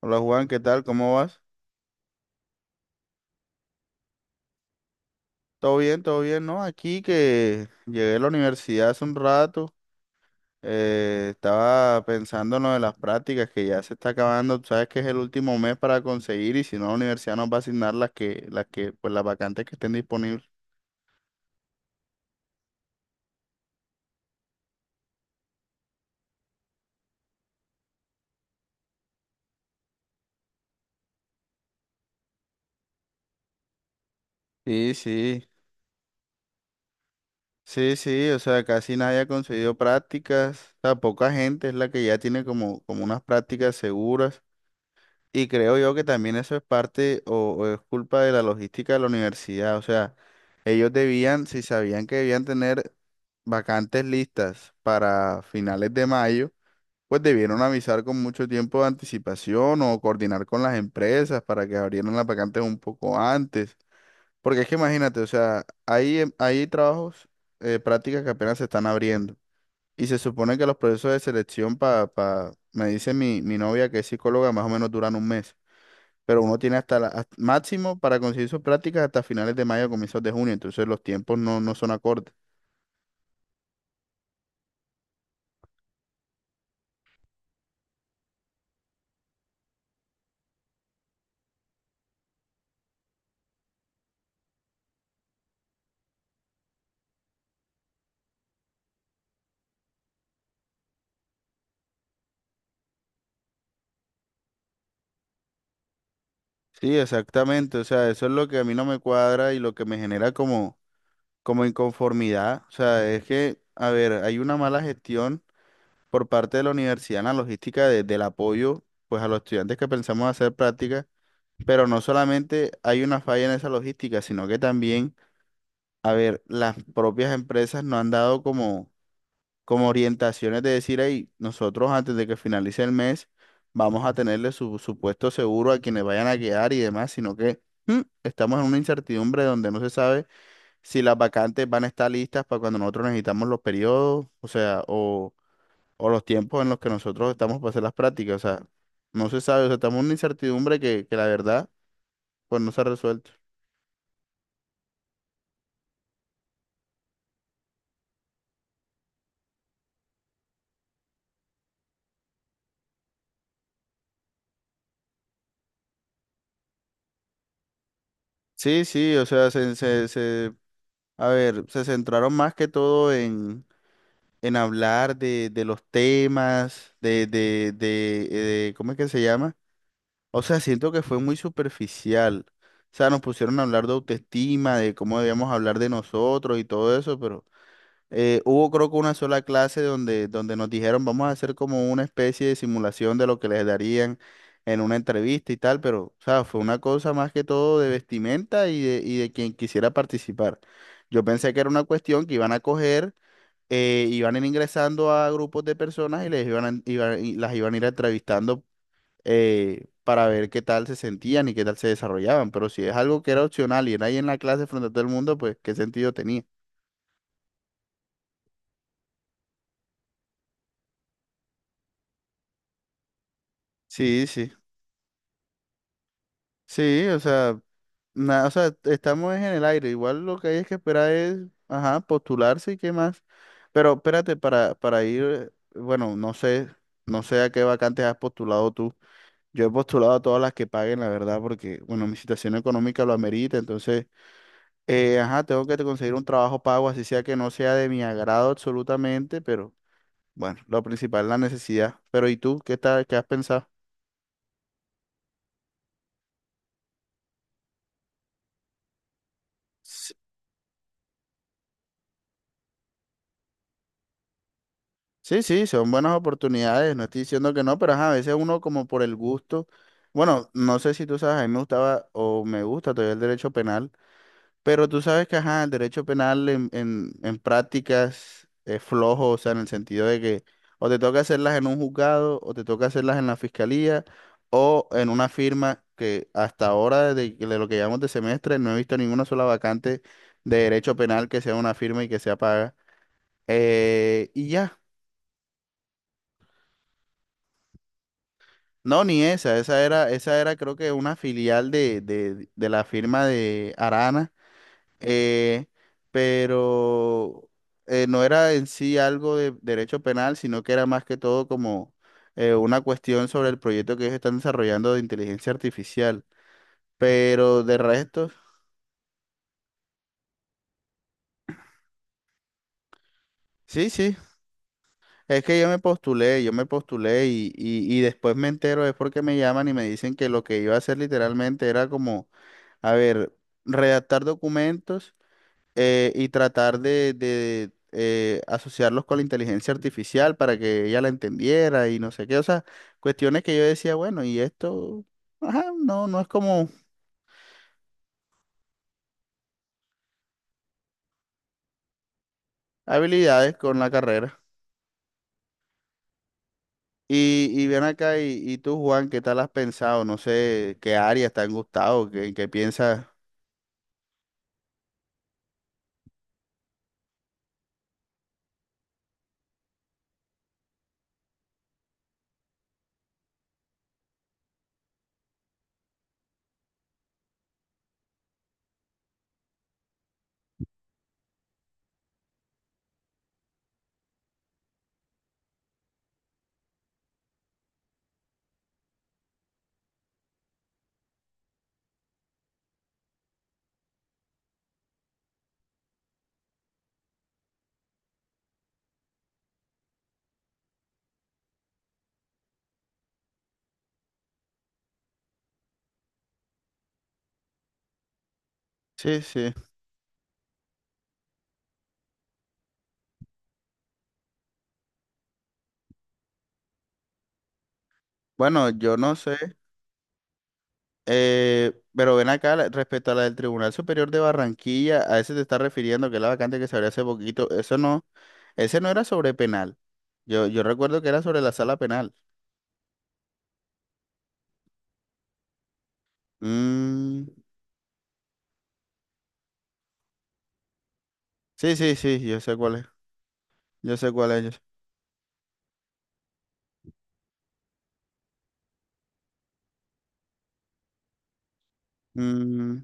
Hola Juan, ¿qué tal? ¿Cómo vas? ¿Todo bien? ¿Todo bien? No, aquí que llegué a la universidad hace un rato, estaba pensando en lo de las prácticas que ya se está acabando, tú sabes que es el último mes para conseguir y si no la universidad nos va a asignar las que, pues las vacantes que estén disponibles. Sí, sí, sí, sí, o sea, casi nadie ha conseguido prácticas, o sea, poca gente es la que ya tiene como unas prácticas seguras y creo yo que también eso es parte o es culpa de la logística de la universidad, o sea. Ellos debían, si sabían que debían tener vacantes listas para finales de mayo, pues debieron avisar con mucho tiempo de anticipación o coordinar con las empresas para que abrieran las vacantes un poco antes. Porque es que imagínate, o sea, hay, hay trabajos, prácticas que apenas se están abriendo. Y se supone que los procesos de selección para, me dice mi novia que es psicóloga, más o menos duran un mes, pero uno tiene máximo para conseguir sus prácticas hasta finales de mayo, comienzos de junio, entonces los tiempos no son acordes. Sí, exactamente, o sea, eso es lo que a mí no me cuadra y lo que me genera como inconformidad, o sea, es que, a ver, hay una mala gestión por parte de la universidad en la logística del apoyo, pues a los estudiantes que pensamos hacer prácticas, pero no solamente hay una falla en esa logística, sino que también, a ver, las propias empresas no han dado como orientaciones de decir, ahí, nosotros antes de que finalice el mes vamos a tenerle supuesto seguro a quienes vayan a quedar y demás, sino que estamos en una incertidumbre donde no se sabe si las vacantes van a estar listas para cuando nosotros necesitamos los periodos, o sea, o los tiempos en los que nosotros estamos para hacer las prácticas, o sea, no se sabe, o sea, estamos en una incertidumbre que la verdad, pues no se ha resuelto. Sí, sí, o sea, a ver, se centraron más que todo en hablar de los temas, de ¿cómo es que se llama? O sea, siento que fue muy superficial. O sea, nos pusieron a hablar de autoestima, de cómo debíamos hablar de nosotros y todo eso, pero hubo creo que una sola clase donde nos dijeron vamos a hacer como una especie de simulación de lo que les darían en una entrevista y tal, pero, o sea, fue una cosa más que todo de vestimenta y de quien quisiera participar. Yo pensé que era una cuestión que iban a coger ingresando a grupos de personas y les iban, a- iban- y las iban a ir entrevistando, para ver qué tal se sentían y qué tal se desarrollaban. Pero si es algo que era opcional y era ahí en la clase frente a todo el mundo, pues qué sentido tenía. Sí, sí. Sí, o sea, o sea, estamos en el aire. Igual lo que hay es que esperar es, ajá, postularse y qué más. Pero espérate, para ir, bueno, no sé, no sé a qué vacantes has postulado tú. Yo he postulado a todas las que paguen, la verdad, porque, bueno, mi situación económica lo amerita, entonces, ajá, tengo que conseguir un trabajo pago, así sea que no sea de mi agrado absolutamente, pero bueno, lo principal es la necesidad. Pero ¿y tú qué tal, qué has pensado? S- Sí, sí, son buenas oportunidades, no estoy diciendo que no, pero ajá, a veces uno como por el gusto, bueno, no sé si tú sabes, a mí me gustaba o me gusta todavía el derecho penal. Pero tú sabes que, ajá, el derecho penal en prácticas es flojo, o sea, en el sentido de que o te toca hacerlas en un juzgado, o te toca hacerlas en la fiscalía, o en una firma que hasta ahora, de lo que llamamos de semestre, no he visto ninguna sola vacante de derecho penal que sea una firma y que sea paga. Y ya, no, ni esa, esa era creo que una filial de la firma de Arana, eh, pero no era en sí algo de derecho penal, sino que era más que todo como una cuestión sobre el proyecto que ellos están desarrollando de inteligencia artificial. Pero de resto, sí, sí, es que yo me postulé y después me entero, es porque me llaman y me dicen que lo que iba a hacer literalmente era como, a ver, redactar documentos, y tratar de asociarlos con la inteligencia artificial para que ella la entendiera y no sé qué. O sea, cuestiones que yo decía, bueno, y esto, ajá, no, no es como habilidades con la carrera. Y ven acá, y tú, Juan, ¿qué tal has pensado? No sé qué áreas te han gustado, qué piensas. Sí, sí. Bueno, yo no sé, pero ven acá, respecto a la del Tribunal Superior de Barranquilla, a ese te estás refiriendo, que es la vacante que se abrió hace poquito, eso no, ese no era sobre penal. Yo recuerdo que era sobre la sala penal. Mm, sí, sí, sí, yo sé cuál es. Yo sé cuál es. Yo sé. Mm,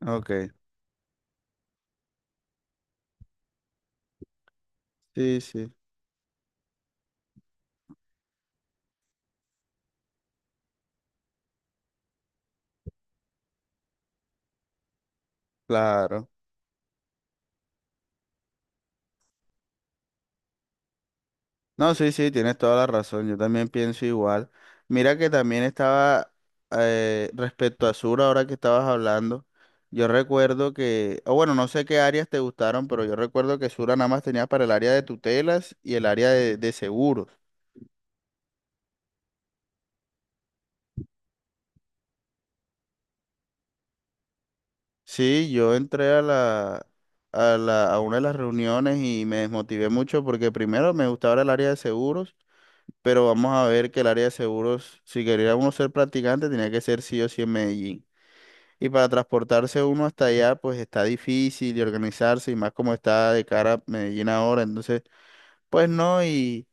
ok. Sí, sí, claro. No, sí, sí, tienes toda la razón. Yo también pienso igual. Mira que también estaba, respecto a Sur, ahora que estabas hablando. Yo recuerdo que, o bueno, no sé qué áreas te gustaron, pero yo recuerdo que Sura nada más tenía para el área de tutelas y el área de seguros. Sí, yo entré a la, a una de las reuniones y me desmotivé mucho porque primero me gustaba el área de seguros, pero vamos a ver que el área de seguros, si quería uno ser practicante, tenía que ser sí o sí en Medellín. Y para transportarse uno hasta allá, pues está difícil y organizarse, y más como está de cara a Medellín ahora, entonces, pues no, y…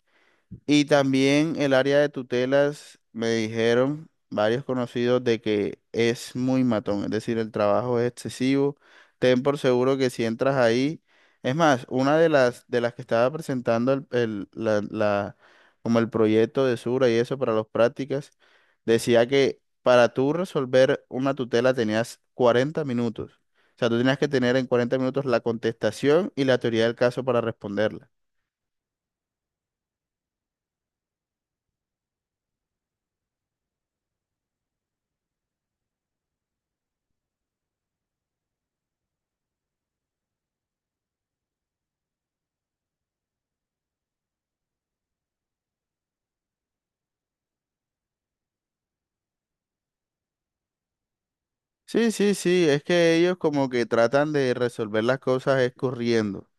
y también el área de tutelas, me dijeron varios conocidos de que es muy matón, es decir, el trabajo es excesivo. Ten por seguro que si entras ahí, es más, una de las que estaba presentando como el proyecto de Sura y eso para las prácticas, decía que para tú resolver una tutela tenías 40 minutos. O sea, tú tenías que tener en 40 minutos la contestación y la teoría del caso para responderla. Sí, sí, sí, es que ellos como que tratan de resolver las cosas es corriendo.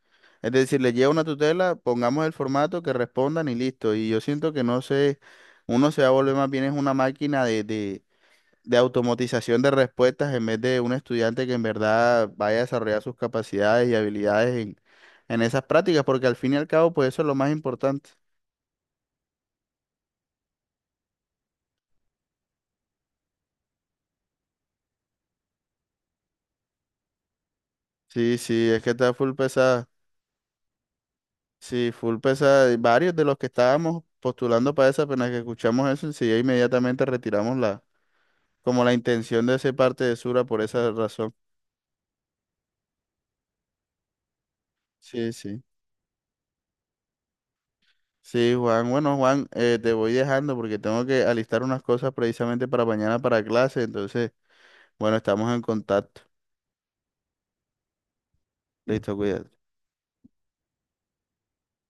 Es decir, les lleva una tutela, pongamos el formato, que respondan y listo. Y yo siento que no sé, uno se va a volver más bien es una máquina de automatización de respuestas en vez de un estudiante que en verdad vaya a desarrollar sus capacidades y habilidades en esas prácticas, porque al fin y al cabo, pues eso es lo más importante. Sí, sí, es que está full pesada. Sí, full pesada. Y varios de los que estábamos postulando para esa, apenas que escuchamos eso, enseguida inmediatamente retiramos la, como la intención de ese parte de Sura por esa razón. Sí, sí. Sí, Juan. Bueno, Juan, te voy dejando porque tengo que alistar unas cosas precisamente para mañana para clase. Entonces, bueno, estamos en contacto. Listo, cuídate.